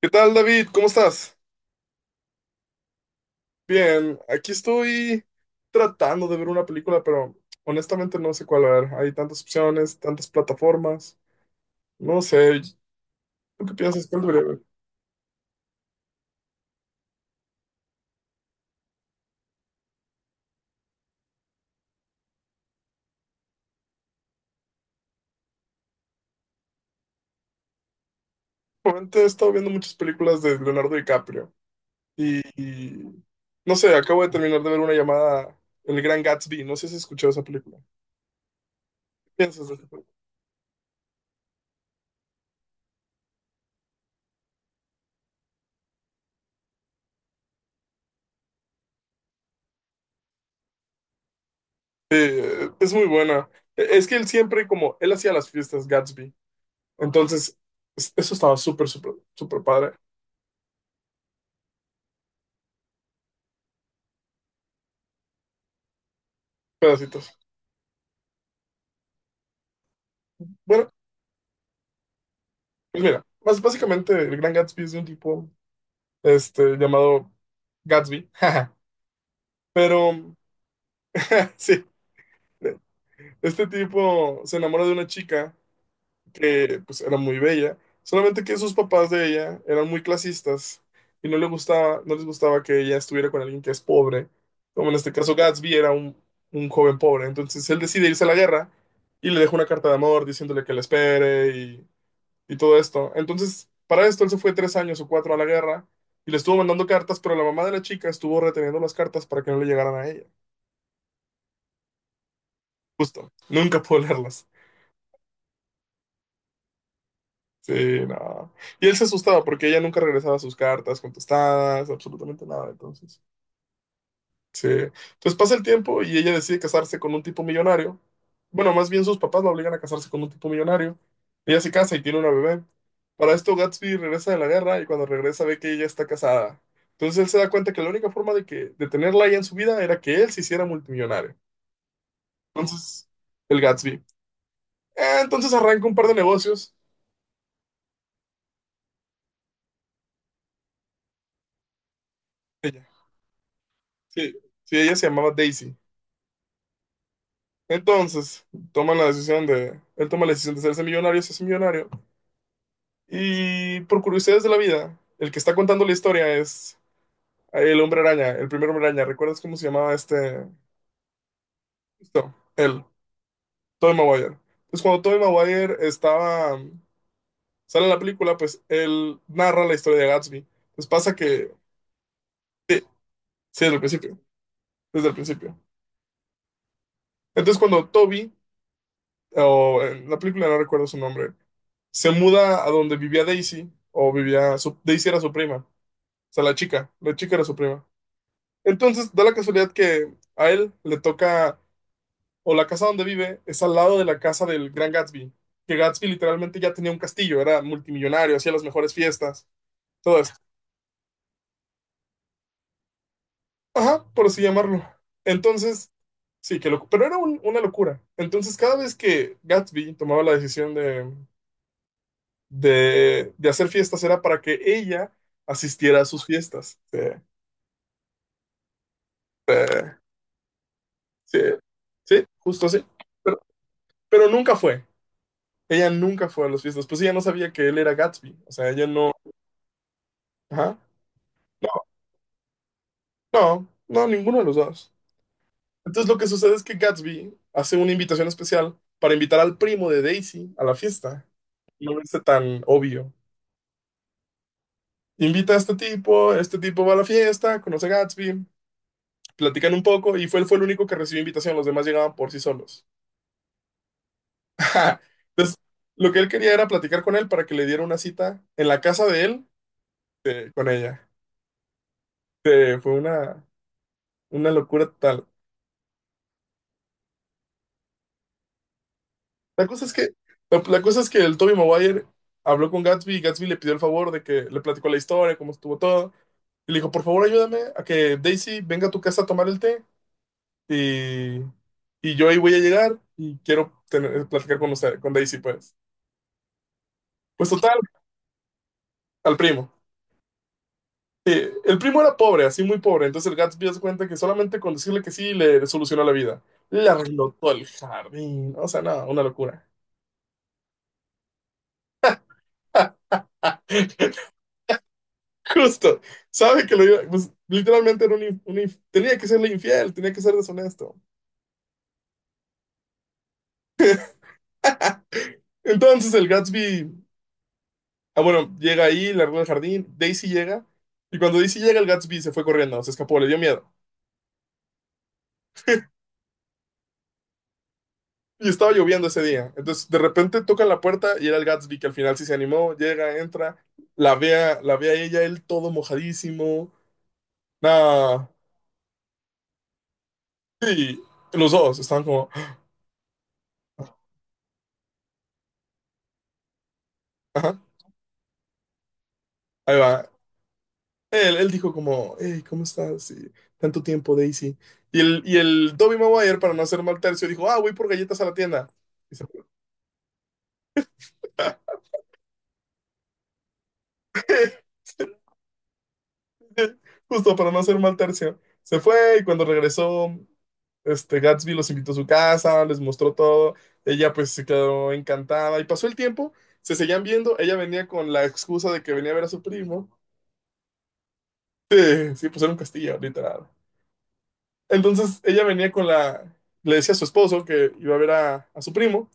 ¿Qué tal, David? ¿Cómo estás? Bien, aquí estoy tratando de ver una película, pero honestamente no sé cuál ver. Hay tantas opciones, tantas plataformas. No sé, ¿tú qué piensas? ¿Cuál debería ver? Últimamente he estado viendo muchas películas de Leonardo DiCaprio y no sé, acabo de terminar de ver una llamada El Gran Gatsby. No sé si has escuchado esa película. ¿Qué piensas de esa película? Es muy buena. Es que él siempre, como él hacía las fiestas Gatsby, entonces eso estaba súper, súper, súper padre. Pedacitos. Bueno, pues mira, más básicamente el Gran Gatsby es de un tipo este, llamado Gatsby, pero sí, este tipo se enamora de una chica que pues era muy bella, solamente que sus papás de ella eran muy clasistas y no le gustaba, no les gustaba que ella estuviera con alguien que es pobre, como en este caso Gatsby era un joven pobre, entonces él decide irse a la guerra y le deja una carta de amor diciéndole que la espere y todo esto. Entonces, para esto él se fue 3 años o 4 a la guerra y le estuvo mandando cartas, pero la mamá de la chica estuvo reteniendo las cartas para que no le llegaran a ella. Justo, nunca pudo leerlas. Sí, no. Y él se asustaba porque ella nunca regresaba sus cartas contestadas, absolutamente nada. Entonces, sí. Entonces pasa el tiempo y ella decide casarse con un tipo millonario. Bueno, más bien sus papás la obligan a casarse con un tipo millonario. Ella se casa y tiene una bebé. Para esto Gatsby regresa de la guerra y cuando regresa ve que ella está casada. Entonces él se da cuenta que la única forma de tenerla ahí en su vida era que él se hiciera multimillonario. Entonces, el Gatsby. Ah, entonces arranca un par de negocios. Ella. Sí, sí, ella se llamaba Daisy. Entonces, toman la decisión de, él toma la decisión de hacerse millonario, se hace millonario. Y por curiosidades de la vida, el que está contando la historia es el hombre araña, el primer hombre araña. ¿Recuerdas cómo se llamaba este? Esto, él, Tobey Maguire. Pues cuando Tobey Maguire estaba, sale en la película, pues él narra la historia de Gatsby. Pues pasa que, sí, sí, desde el principio, desde el principio. Entonces cuando Toby, o en la película no recuerdo su nombre, se muda a donde vivía Daisy, o vivía, Daisy era su prima, o sea, la chica era su prima. Entonces, da la casualidad que a él le toca, o la casa donde vive es al lado de la casa del gran Gatsby, que Gatsby literalmente ya tenía un castillo, era multimillonario, hacía las mejores fiestas, todo esto. Ajá, por así llamarlo. Entonces, sí, que loco, pero era una locura. Entonces, cada vez que Gatsby tomaba la decisión de hacer fiestas, era para que ella asistiera a sus fiestas. Sí, sí, sí, justo así. Pero, pero nunca fue. Ella nunca fue a las fiestas, pues ella no sabía que él era Gatsby, o sea, ella no... Ajá. No, no, ninguno de los dos. Entonces lo que sucede es que Gatsby hace una invitación especial para invitar al primo de Daisy a la fiesta. No es tan obvio. Invita a este tipo va a la fiesta, conoce a Gatsby, platican un poco y fue, él fue el único que recibió invitación, los demás llegaban por sí solos. Ajá. Entonces, lo que él quería era platicar con él para que le diera una cita en la casa de él con ella. Fue una locura total. La cosa es que, la cosa es que el Tobey Maguire habló con Gatsby y Gatsby le pidió el favor de que le platicó la historia, cómo estuvo todo. Y le dijo, por favor, ayúdame a que Daisy venga a tu casa a tomar el té y, y yo ahí voy a llegar y platicar con usted, con Daisy, pues. Pues total, al primo. El primo era pobre, así muy pobre, entonces el Gatsby hace cuenta que solamente con decirle que sí le solucionó la vida. Le arregló todo el jardín, o sea, nada una locura. Justo, sabe que lo iba, pues, literalmente era tenía que serle infiel, tenía que ser deshonesto. Entonces el Gatsby, ah, bueno, llega ahí, largó el jardín, Daisy llega, y cuando Daisy llega, el Gatsby se fue corriendo, se escapó, le dio miedo. Y estaba lloviendo ese día. Entonces de repente toca la puerta y era el Gatsby que al final sí se animó, llega, entra, la ve a ella, él todo mojadísimo. Nada. Y los dos estaban como, ajá, ahí va. Él dijo como, hey, ¿cómo estás? Y, tanto tiempo, Daisy. Y el Tobey Maguire, para no hacer mal tercio, dijo, ah, voy por galletas a la tienda. Y se fue. Justo para no hacer mal tercio. Se fue y cuando regresó, este, Gatsby los invitó a su casa, les mostró todo. Ella pues se quedó encantada y pasó el tiempo, se seguían viendo. Ella venía con la excusa de que venía a ver a su primo. Sí, sí, pues era un castillo, literal. Entonces ella venía con la, le decía a su esposo que iba a ver a su primo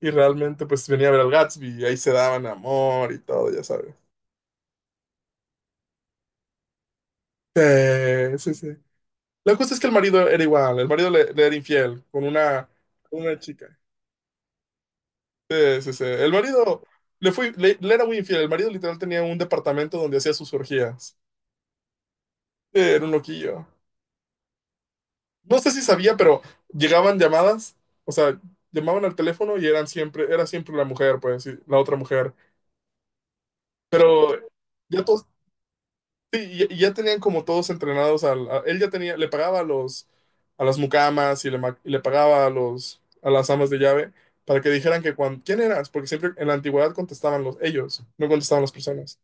y realmente pues venía a ver al Gatsby y ahí se daban amor y todo, ya sabes. Sí, sí, sí. La cosa es que el marido era igual, el marido le era infiel con una chica. Sí, sí, sí. El marido le era muy infiel, el marido literal tenía un departamento donde hacía sus orgías. Sí, era un loquillo. No sé si sabía, pero llegaban llamadas, o sea, llamaban al teléfono y eran siempre, era siempre la mujer, pues, sí, la otra mujer. Pero ya todos, sí, ya tenían como todos entrenados al, él ya tenía, le pagaba a los, a las mucamas y y le pagaba a los, a las amas de llave para que dijeran que ¿quién eras? Porque siempre en la antigüedad contestaban los, ellos, no contestaban las personas.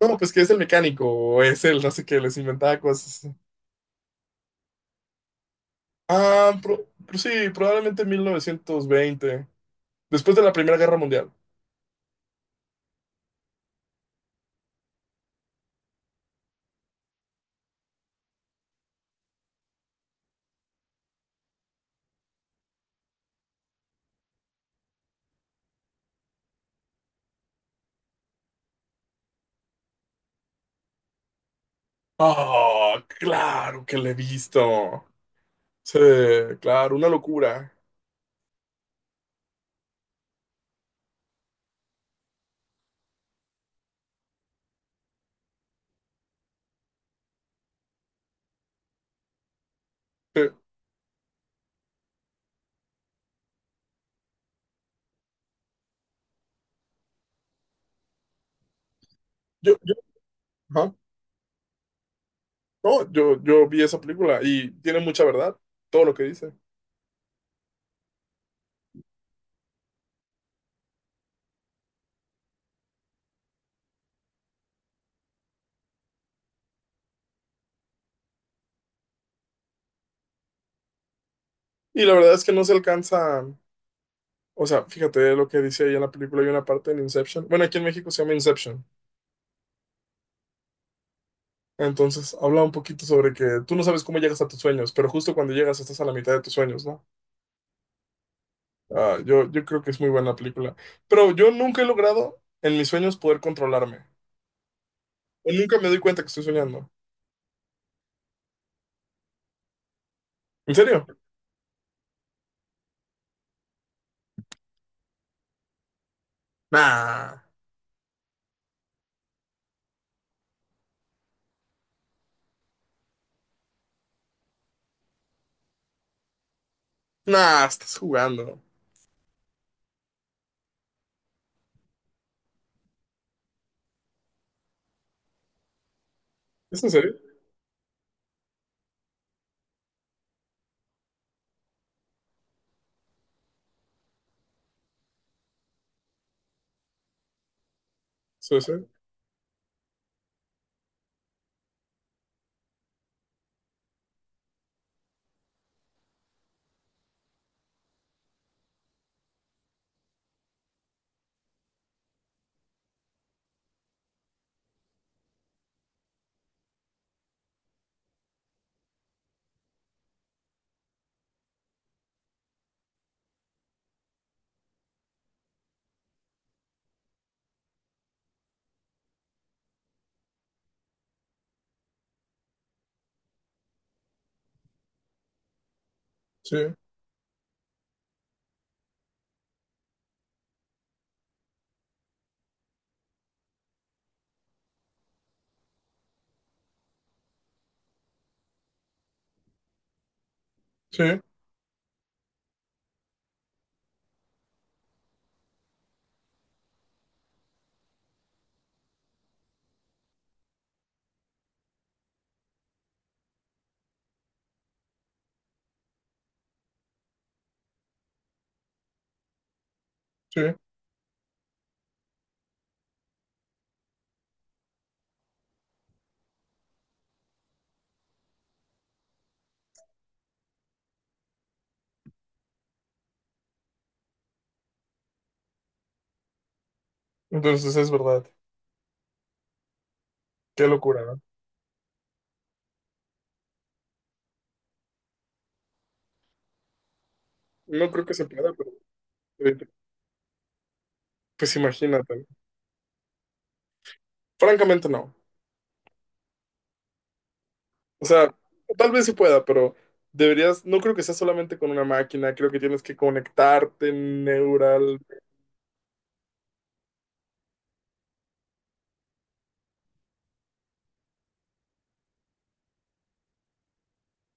No, pues que es el mecánico, o es el, no sé qué, les inventaba cosas. Así. Ah, pero sí, probablemente en 1920 después de la Primera Guerra Mundial. Oh, claro que le he visto. Sí, claro, una locura. Sí, yo ajá. No, yo vi esa película y tiene mucha verdad, todo lo que dice. Y la verdad es que no se alcanza, o sea, fíjate lo que dice ahí en la película, hay una parte en Inception. Bueno, aquí en México se llama Inception. Entonces, habla un poquito sobre que tú no sabes cómo llegas a tus sueños, pero justo cuando llegas estás a la mitad de tus sueños, ¿no? Ah, yo creo que es muy buena película. Pero yo nunca he logrado en mis sueños poder controlarme. O nunca me doy cuenta que estoy soñando. ¿En serio? Nah, nah, estás jugando. ¿Es en serio? Sí, sí, sí, sí, sí. Entonces es verdad. Qué locura, ¿no? No creo que se pueda, pero eh, pues imagínate. ¿No? Francamente no. O sea, tal vez se pueda, pero deberías, no creo que sea solamente con una máquina, creo que tienes que conectarte neural.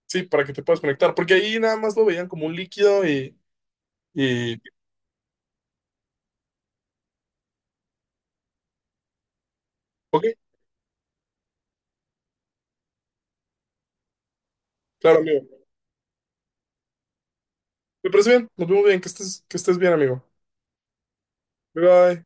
Sí, para que te puedas conectar, porque ahí nada más lo veían como un líquido y ok, claro, amigo. Me parece bien, nos vemos bien, que estés bien, amigo. Bye bye.